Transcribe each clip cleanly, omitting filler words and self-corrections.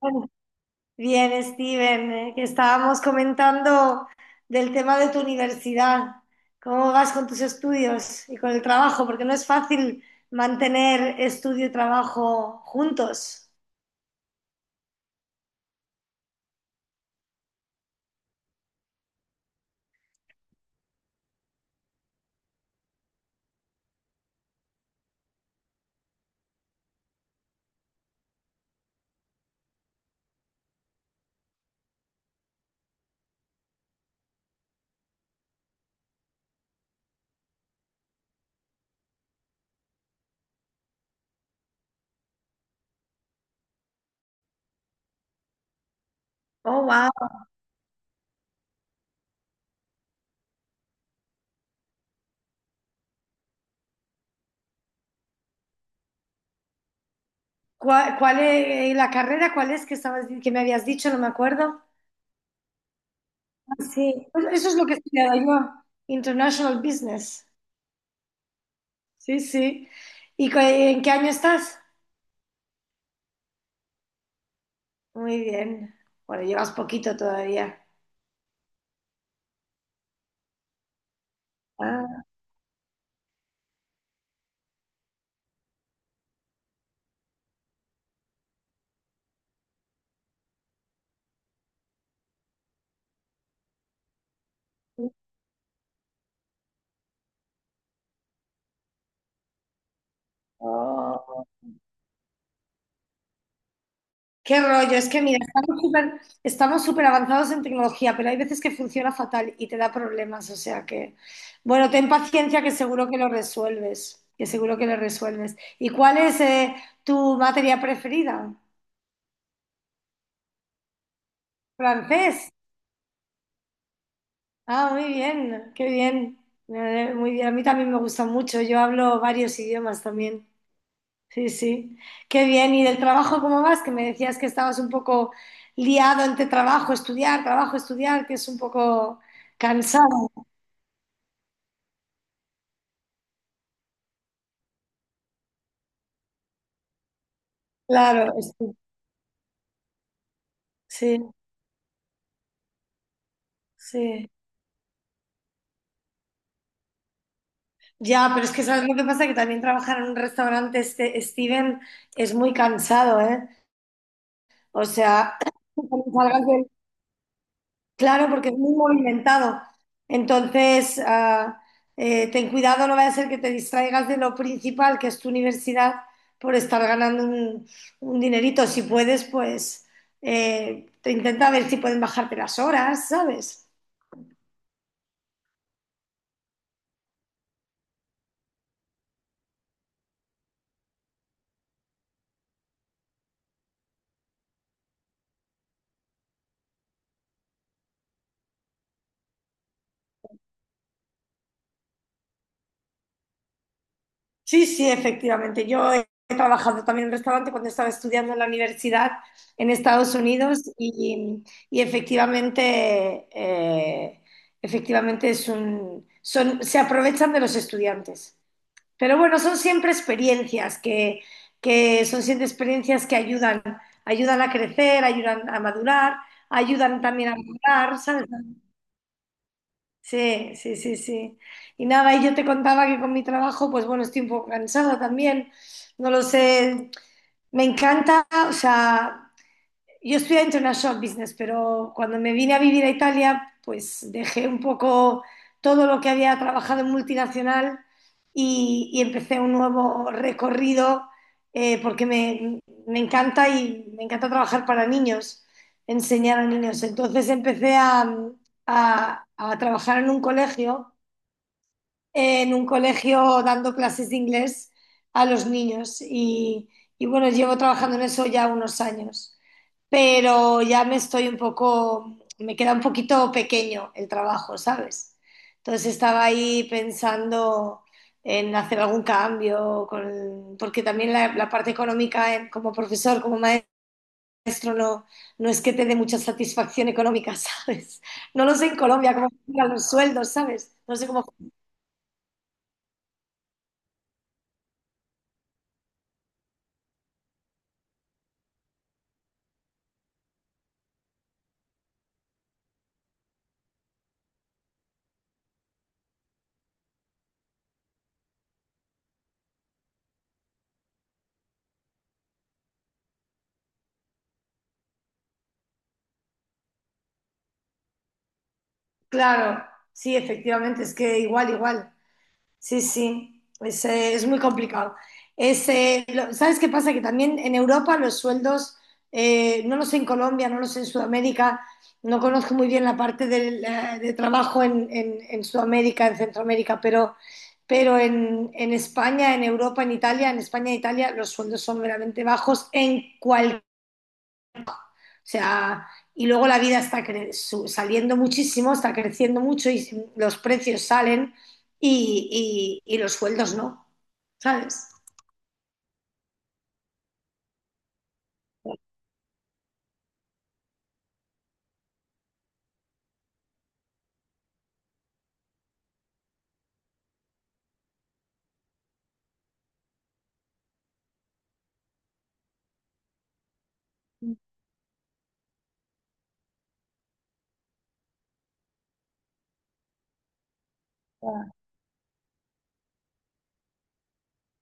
Bueno, bien, Steven, que estábamos comentando del tema de tu universidad. ¿Cómo vas con tus estudios y con el trabajo? Porque no es fácil mantener estudio y trabajo juntos. Oh, wow. ¿Cuál es la carrera? ¿Cuál es que estabas, que me habías dicho? No me acuerdo. Ah, sí, pues eso es lo que he estudiado yo, International Business. Sí, sí. ¿Y en qué año estás? Muy bien. Bueno, llevas poquito todavía. Ah, oh. Qué rollo, es que mira, estamos súper avanzados en tecnología, pero hay veces que funciona fatal y te da problemas, o sea que, bueno, ten paciencia que seguro que lo resuelves, que seguro que lo resuelves. ¿Y cuál es tu materia preferida? Francés. Ah, muy bien, qué bien. Muy bien, a mí también me gusta mucho, yo hablo varios idiomas también. Sí, sí. Qué bien. ¿Y del trabajo cómo vas? Que me decías que estabas un poco liado entre trabajo, estudiar, que es un poco cansado, claro. Sí, sí. Ya, pero es que sabes lo que pasa, que también trabajar en un restaurante, este, Steven, es muy cansado, ¿eh? O sea, cuando salgas, claro, porque es muy movimentado. Entonces, ten cuidado, no vaya a ser que te distraigas de lo principal, que es tu universidad, por estar ganando un dinerito. Si puedes, pues te intenta ver si pueden bajarte las horas, ¿sabes? Sí, sí, efectivamente. Yo he trabajado también en un restaurante cuando estaba estudiando en la universidad en Estados Unidos y efectivamente, efectivamente es un, son, se aprovechan de los estudiantes. Pero bueno, son siempre experiencias que ayudan, ayudan a crecer, ayudan a madurar, ayudan también a mejorar, ¿sabes? Sí, sí, sí, sí. Y nada, y yo te contaba que con mi trabajo, pues bueno, estoy un poco cansada también. No lo sé, me encanta, o sea, yo estudié International Business, pero cuando me vine a vivir a Italia, pues dejé un poco todo lo que había trabajado en multinacional y empecé un nuevo recorrido porque me encanta y me encanta trabajar para niños, enseñar a niños. Entonces a trabajar en un colegio, en un colegio dando clases de inglés a los niños y bueno, llevo trabajando en eso ya unos años, pero ya me estoy un poco, me queda un poquito pequeño el trabajo, ¿sabes? Entonces estaba ahí pensando en hacer algún cambio, porque también la parte económica como profesor, como maestro, no, no es que te dé mucha satisfacción económica, ¿sabes? No lo sé en Colombia cómo funcionan los sueldos, ¿sabes? No sé cómo. Claro, sí, efectivamente, es que igual, igual. Sí, sí, es muy complicado. Es, ¿sabes qué pasa? Que también en Europa los sueldos, no lo sé en Colombia, no lo sé en Sudamérica, no conozco muy bien la parte del, de trabajo en, en Sudamérica, en Centroamérica, pero en España, en Europa, en Italia, en España e Italia los sueldos son verdaderamente bajos en sea, y luego la vida está saliendo muchísimo, está creciendo mucho y si, los precios salen y, y los sueldos no, ¿sabes?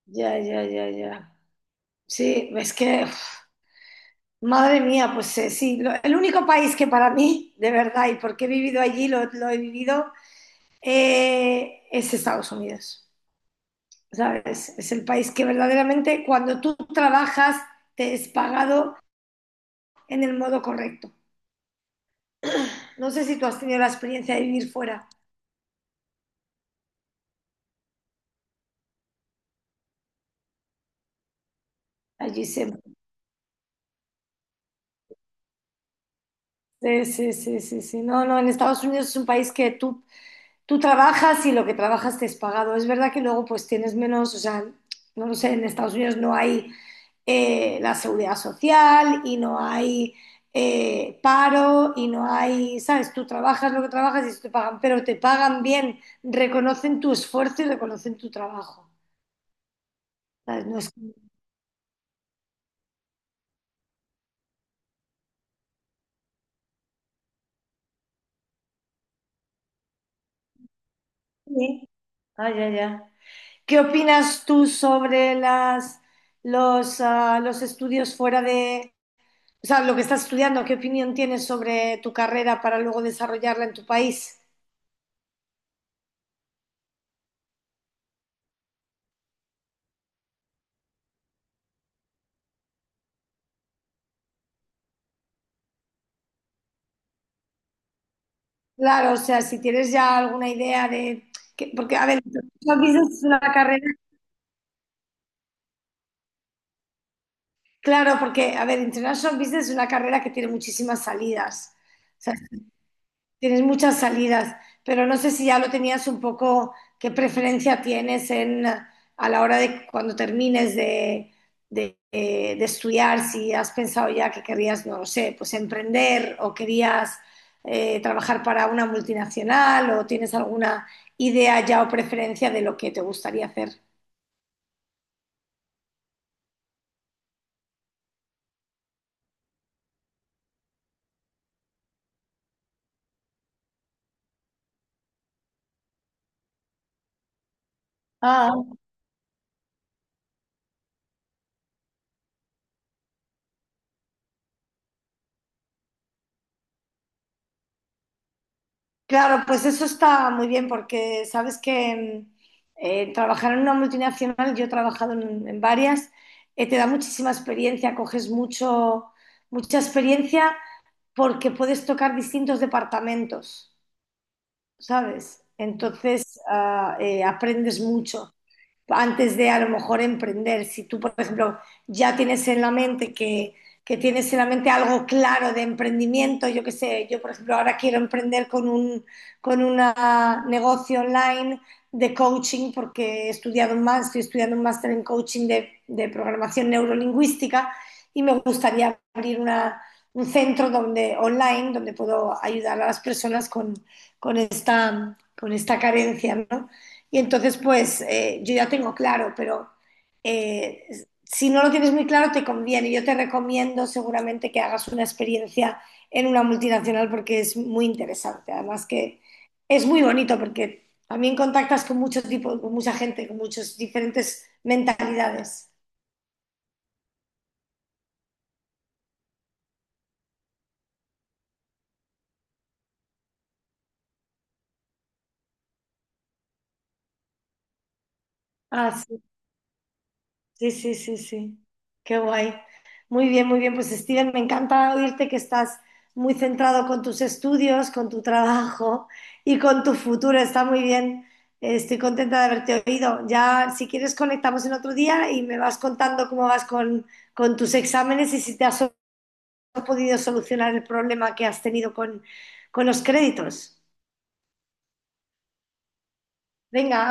Ya, ya, ya, ya, ya. Sí, es que, uf, madre mía, pues sí, el único país que para mí, de verdad, y porque he vivido allí, lo he vivido, es Estados Unidos, ¿sabes? Es el país que verdaderamente cuando tú trabajas te es pagado en el modo correcto. No sé si tú has tenido la experiencia de vivir fuera. Allí se... Sí, sí, sí, sí, sí. No, no, en Estados Unidos es un país que tú trabajas y lo que trabajas te es pagado. Es verdad que luego pues tienes menos, o sea, no lo sé, en Estados Unidos no hay la seguridad social y no hay paro y no hay, ¿sabes? Tú trabajas lo que trabajas y eso te pagan, pero te pagan bien, reconocen tu esfuerzo y reconocen tu trabajo. ¿Sabes? No es... Sí. Ah, ya, ya. ¿Qué opinas tú sobre las, los, ah, los estudios fuera de, o sea, lo que estás estudiando? ¿Qué opinión tienes sobre tu carrera para luego desarrollarla en tu país? Claro, o sea, si tienes ya alguna idea de, porque, a ver, International Business es una carrera, claro, porque, a ver, International Business es una carrera que tiene muchísimas salidas. Tienes muchas salidas, pero no sé si ya lo tenías un poco, qué preferencia tienes en, a la hora de cuando termines de estudiar, si has pensado ya que querías, no lo sé, pues emprender o querías trabajar para una multinacional o tienes alguna idea ya o preferencia de lo que te gustaría hacer. Ah. Claro, pues eso está muy bien porque sabes que trabajar en una multinacional, yo he trabajado en varias, te da muchísima experiencia, coges mucho, mucha experiencia porque puedes tocar distintos departamentos, ¿sabes? Entonces aprendes mucho antes de a lo mejor emprender. Si tú, por ejemplo, ya tienes en la mente que tienes en la mente algo claro de emprendimiento, yo qué sé, yo por ejemplo ahora quiero emprender con un con una negocio online de coaching porque he estudiado más, estoy estudiando un máster en coaching de programación neurolingüística y me gustaría abrir un centro donde, online donde puedo ayudar a las personas con esta carencia, ¿no? Y entonces, pues yo ya tengo claro, pero eh, si no lo tienes muy claro, te conviene. Yo te recomiendo seguramente que hagas una experiencia en una multinacional porque es muy interesante. Además que es muy bonito porque también contactas con muchos tipos con mucha gente, con muchas diferentes mentalidades. Así. Sí, sí, sí, sí. Qué guay. Muy bien, muy bien. Pues Steven, me encanta oírte que estás muy centrado con tus estudios, con tu trabajo y con tu futuro. Está muy bien. Estoy contenta de haberte oído. Ya, si quieres, conectamos en otro día y me vas contando cómo vas con tus exámenes y si te has podido solucionar el problema que has tenido con los créditos. Venga.